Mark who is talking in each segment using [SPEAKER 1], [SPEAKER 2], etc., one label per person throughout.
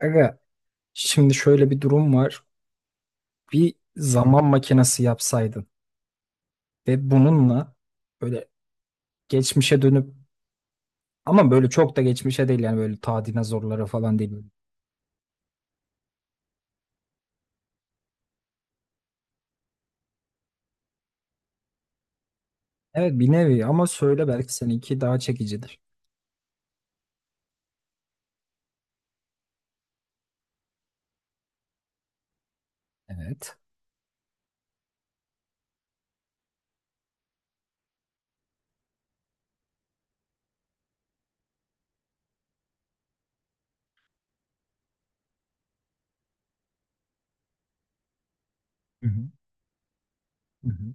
[SPEAKER 1] Aga, şimdi şöyle bir durum var. Bir zaman makinesi yapsaydın ve bununla böyle geçmişe dönüp ama böyle çok da geçmişe değil, yani böyle ta dinozorlara falan değil. Evet, bir nevi ama söyle, belki seninki daha çekicidir. Evet. Hı hı, hı hı.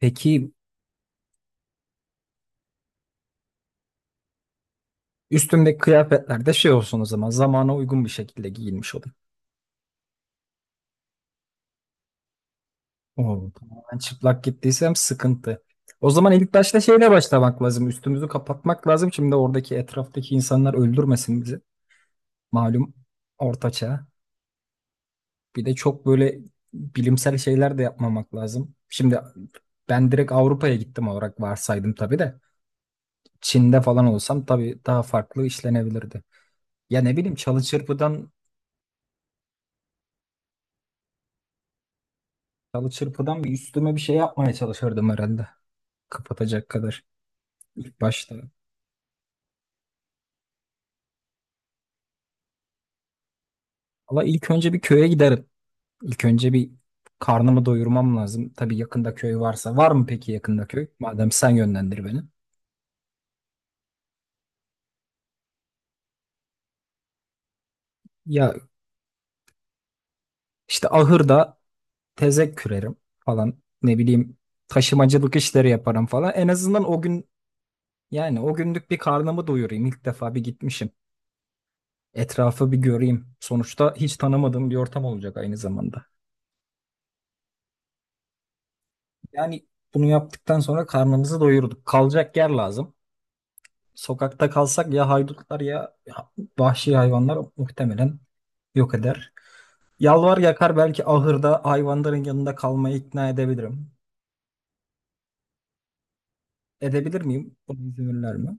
[SPEAKER 1] Peki, üstümdeki kıyafetler de şey olsun, o zaman zamana uygun bir şekilde giyinmiş olayım. Oo. Ben çıplak gittiysem sıkıntı. O zaman ilk başta şeyle başlamak lazım. Üstümüzü kapatmak lazım. Şimdi oradaki etraftaki insanlar öldürmesin bizi. Malum ortaçağ. Bir de çok böyle bilimsel şeyler de yapmamak lazım. Şimdi ben direkt Avrupa'ya gittim olarak varsaydım tabii de. Çin'de falan olsam tabii daha farklı işlenebilirdi. Ya ne bileyim, çalı çırpıdan bir üstüme bir şey yapmaya çalışırdım herhalde. Kapatacak kadar ilk başta. Ama ilk önce bir köye giderim. İlk önce bir karnımı doyurmam lazım. Tabii yakında köy varsa. Var mı peki yakında köy? Madem, sen yönlendir beni. Ya işte ahırda tezek kürerim falan, ne bileyim, taşımacılık işleri yaparım falan. En azından o gün, yani o günlük bir karnımı doyurayım. İlk defa bir gitmişim. Etrafı bir göreyim. Sonuçta hiç tanımadığım bir ortam olacak aynı zamanda. Yani bunu yaptıktan sonra karnımızı doyurduk. Kalacak yer lazım. Sokakta kalsak ya haydutlar ya vahşi hayvanlar muhtemelen yok eder. Yalvar yakar belki ahırda hayvanların yanında kalmayı ikna edebilirim. Edebilir miyim? Buna izin verirler mi?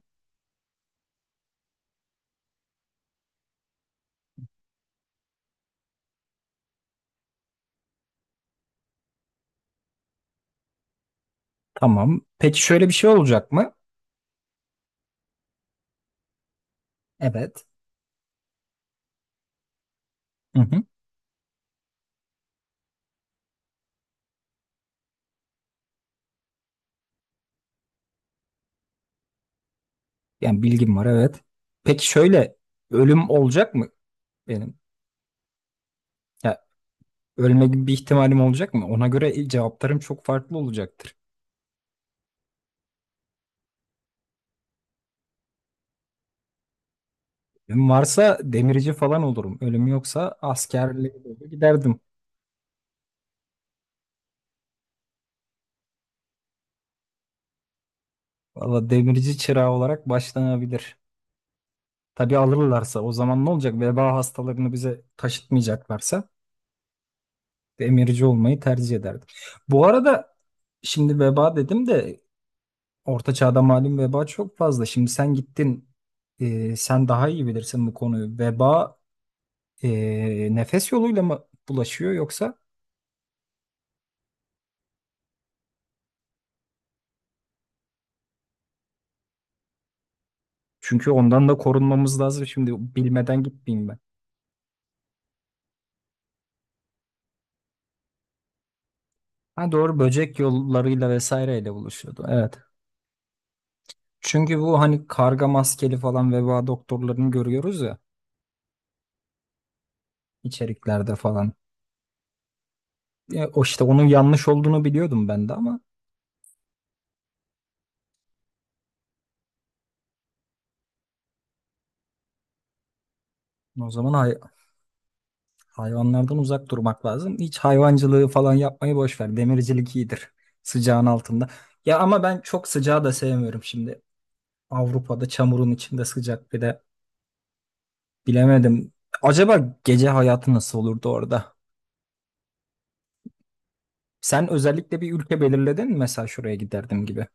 [SPEAKER 1] Tamam. Peki şöyle bir şey olacak mı? Evet. Hı hı. Yani bilgim var, evet. Peki şöyle, ölüm olacak mı benim? Ya, ölme gibi bir ihtimalim olacak mı? Ona göre cevaplarım çok farklı olacaktır. Ölüm varsa demirci falan olurum. Ölüm yoksa askerliğe doğru giderdim. Valla demirci çırağı olarak başlanabilir. Tabii alırlarsa. O zaman ne olacak? Veba hastalarını bize taşıtmayacaklarsa demirci olmayı tercih ederdim. Bu arada, şimdi veba dedim de, orta çağda malum veba çok fazla. Şimdi sen gittin, sen daha iyi bilirsin bu konuyu. Veba nefes yoluyla mı bulaşıyor yoksa? Çünkü ondan da korunmamız lazım. Şimdi bilmeden gitmeyeyim ben. Ha doğru, böcek yollarıyla vesaireyle buluşuyordu. Evet. Çünkü bu hani karga maskeli falan veba doktorlarını görüyoruz ya, içeriklerde falan. O işte, onun yanlış olduğunu biliyordum ben de ama. O zaman hayvanlardan uzak durmak lazım. Hiç hayvancılığı falan yapmayı boş ver. Demircilik iyidir. Sıcağın altında. Ya ama ben çok sıcağı da sevmiyorum şimdi. Avrupa'da çamurun içinde sıcak, bir de bilemedim. Acaba gece hayatı nasıl olurdu orada? Sen özellikle bir ülke belirledin mi, mesela şuraya giderdim gibi?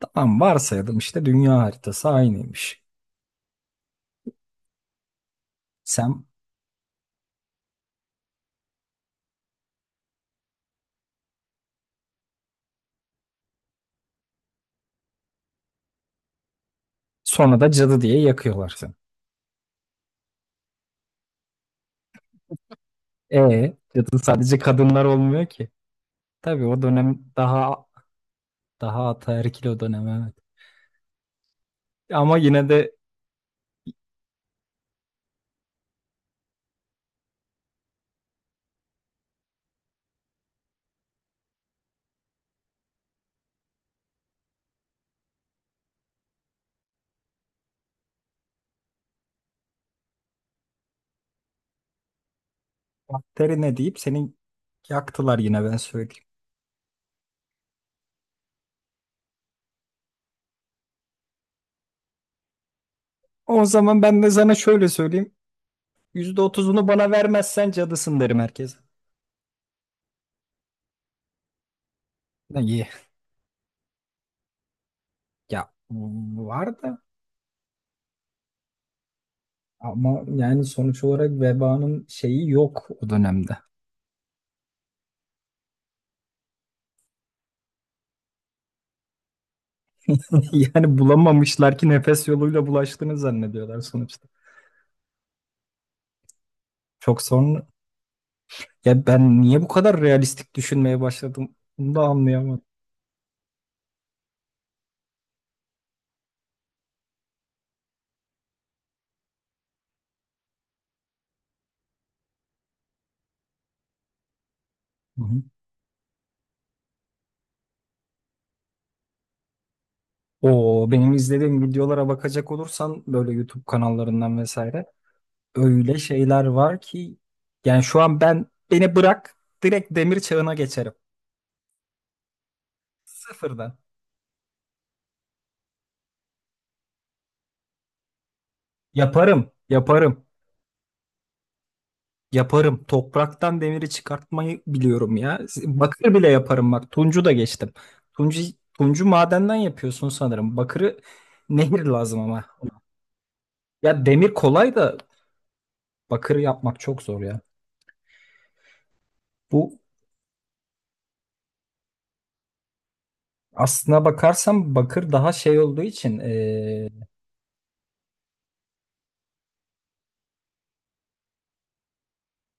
[SPEAKER 1] Tamam, varsayalım işte dünya haritası aynıymış. Sen sonra da cadı diye yakıyorlar seni. E cadı sadece kadınlar olmuyor ki. Tabii o dönem daha ataerkil, o dönem, evet. Ama yine de bakteri ne deyip seni yaktılar, yine ben söyleyeyim. O zaman ben de sana şöyle söyleyeyim. Yüzde otuzunu bana vermezsen cadısın derim herkese. Ne iyi. Ya var da ama, yani sonuç olarak vebanın şeyi yok o dönemde. Yani bulamamışlar ki nefes yoluyla bulaştığını zannediyorlar sonuçta. Çok sonra. Ya ben niye bu kadar realistik düşünmeye başladım, bunu da anlayamadım. Hı hı. O benim izlediğim videolara bakacak olursan, böyle YouTube kanallarından vesaire, öyle şeyler var ki, yani şu an ben, beni bırak, direkt demir çağına geçerim. Sıfırdan. Yaparım, yaparım, yaparım. Topraktan demiri çıkartmayı biliyorum ya. Bakır bile yaparım bak. Tuncu da geçtim. Tuncu, tuncu madenden yapıyorsun sanırım. Bakırı, nehir lazım ama. Ya demir kolay da bakırı yapmak çok zor ya. Bu, aslına bakarsam bakır daha şey olduğu için.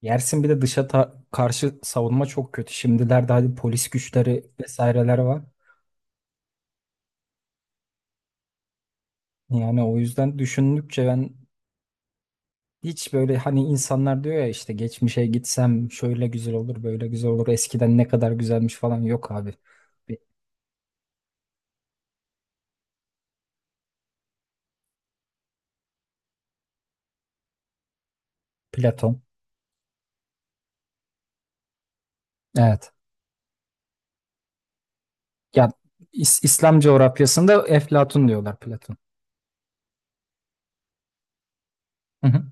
[SPEAKER 1] Yersin, bir de dışa karşı savunma çok kötü. Şimdilerde hadi polis güçleri vesaireler var. Yani o yüzden düşündükçe ben, hiç böyle hani insanlar diyor ya işte geçmişe gitsem şöyle güzel olur, böyle güzel olur, eskiden ne kadar güzelmiş falan, yok abi. Bir Platon. Evet. Ya İslam coğrafyasında Eflatun diyorlar Platon. Hı hı.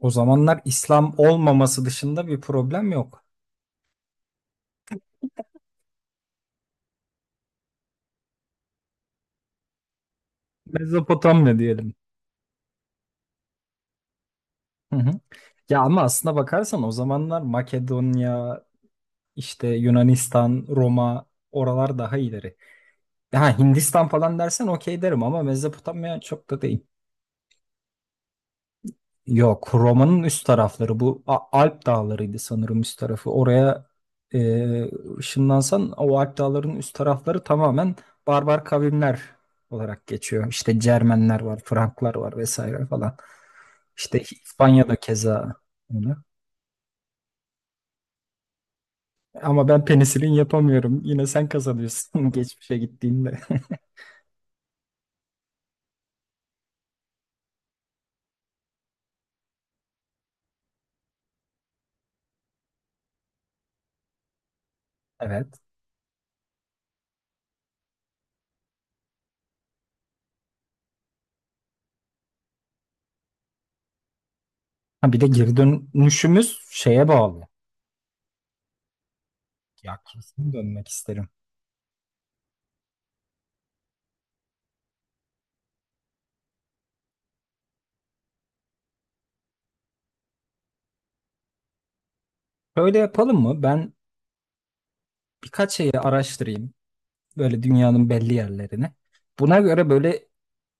[SPEAKER 1] O zamanlar İslam olmaması dışında bir problem yok. Mezopotamya diyelim. Hı hı. Ya ama aslına bakarsan o zamanlar Makedonya, İşte Yunanistan, Roma, oralar daha ileri. Ha Hindistan falan dersen okey derim ama Mezopotamya çok da değil. Yok, Roma'nın üst tarafları bu Alp dağlarıydı sanırım üst tarafı. Oraya ışınlansan o Alp dağlarının üst tarafları tamamen barbar kavimler olarak geçiyor. İşte Cermenler var, Franklar var vesaire falan. İşte İspanya'da keza öyle. Ama ben penisilin yapamıyorum. Yine sen kazanıyorsun geçmişe gittiğinde. Evet. Ha bir de geri dönüşümüz şeye bağlı. Ya kesin dönmek isterim. Böyle yapalım mı? Ben birkaç şeyi araştırayım. Böyle dünyanın belli yerlerini. Buna göre böyle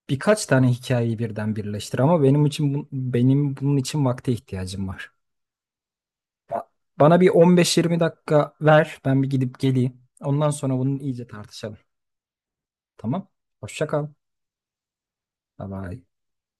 [SPEAKER 1] birkaç tane hikayeyi birden birleştir ama benim için benim bunun için vakte ihtiyacım var. Ba- Bana bir 15-20 dakika ver. Ben bir gidip geleyim. Ondan sonra bunu iyice tartışalım. Tamam? Hoşça kal. Bye bye.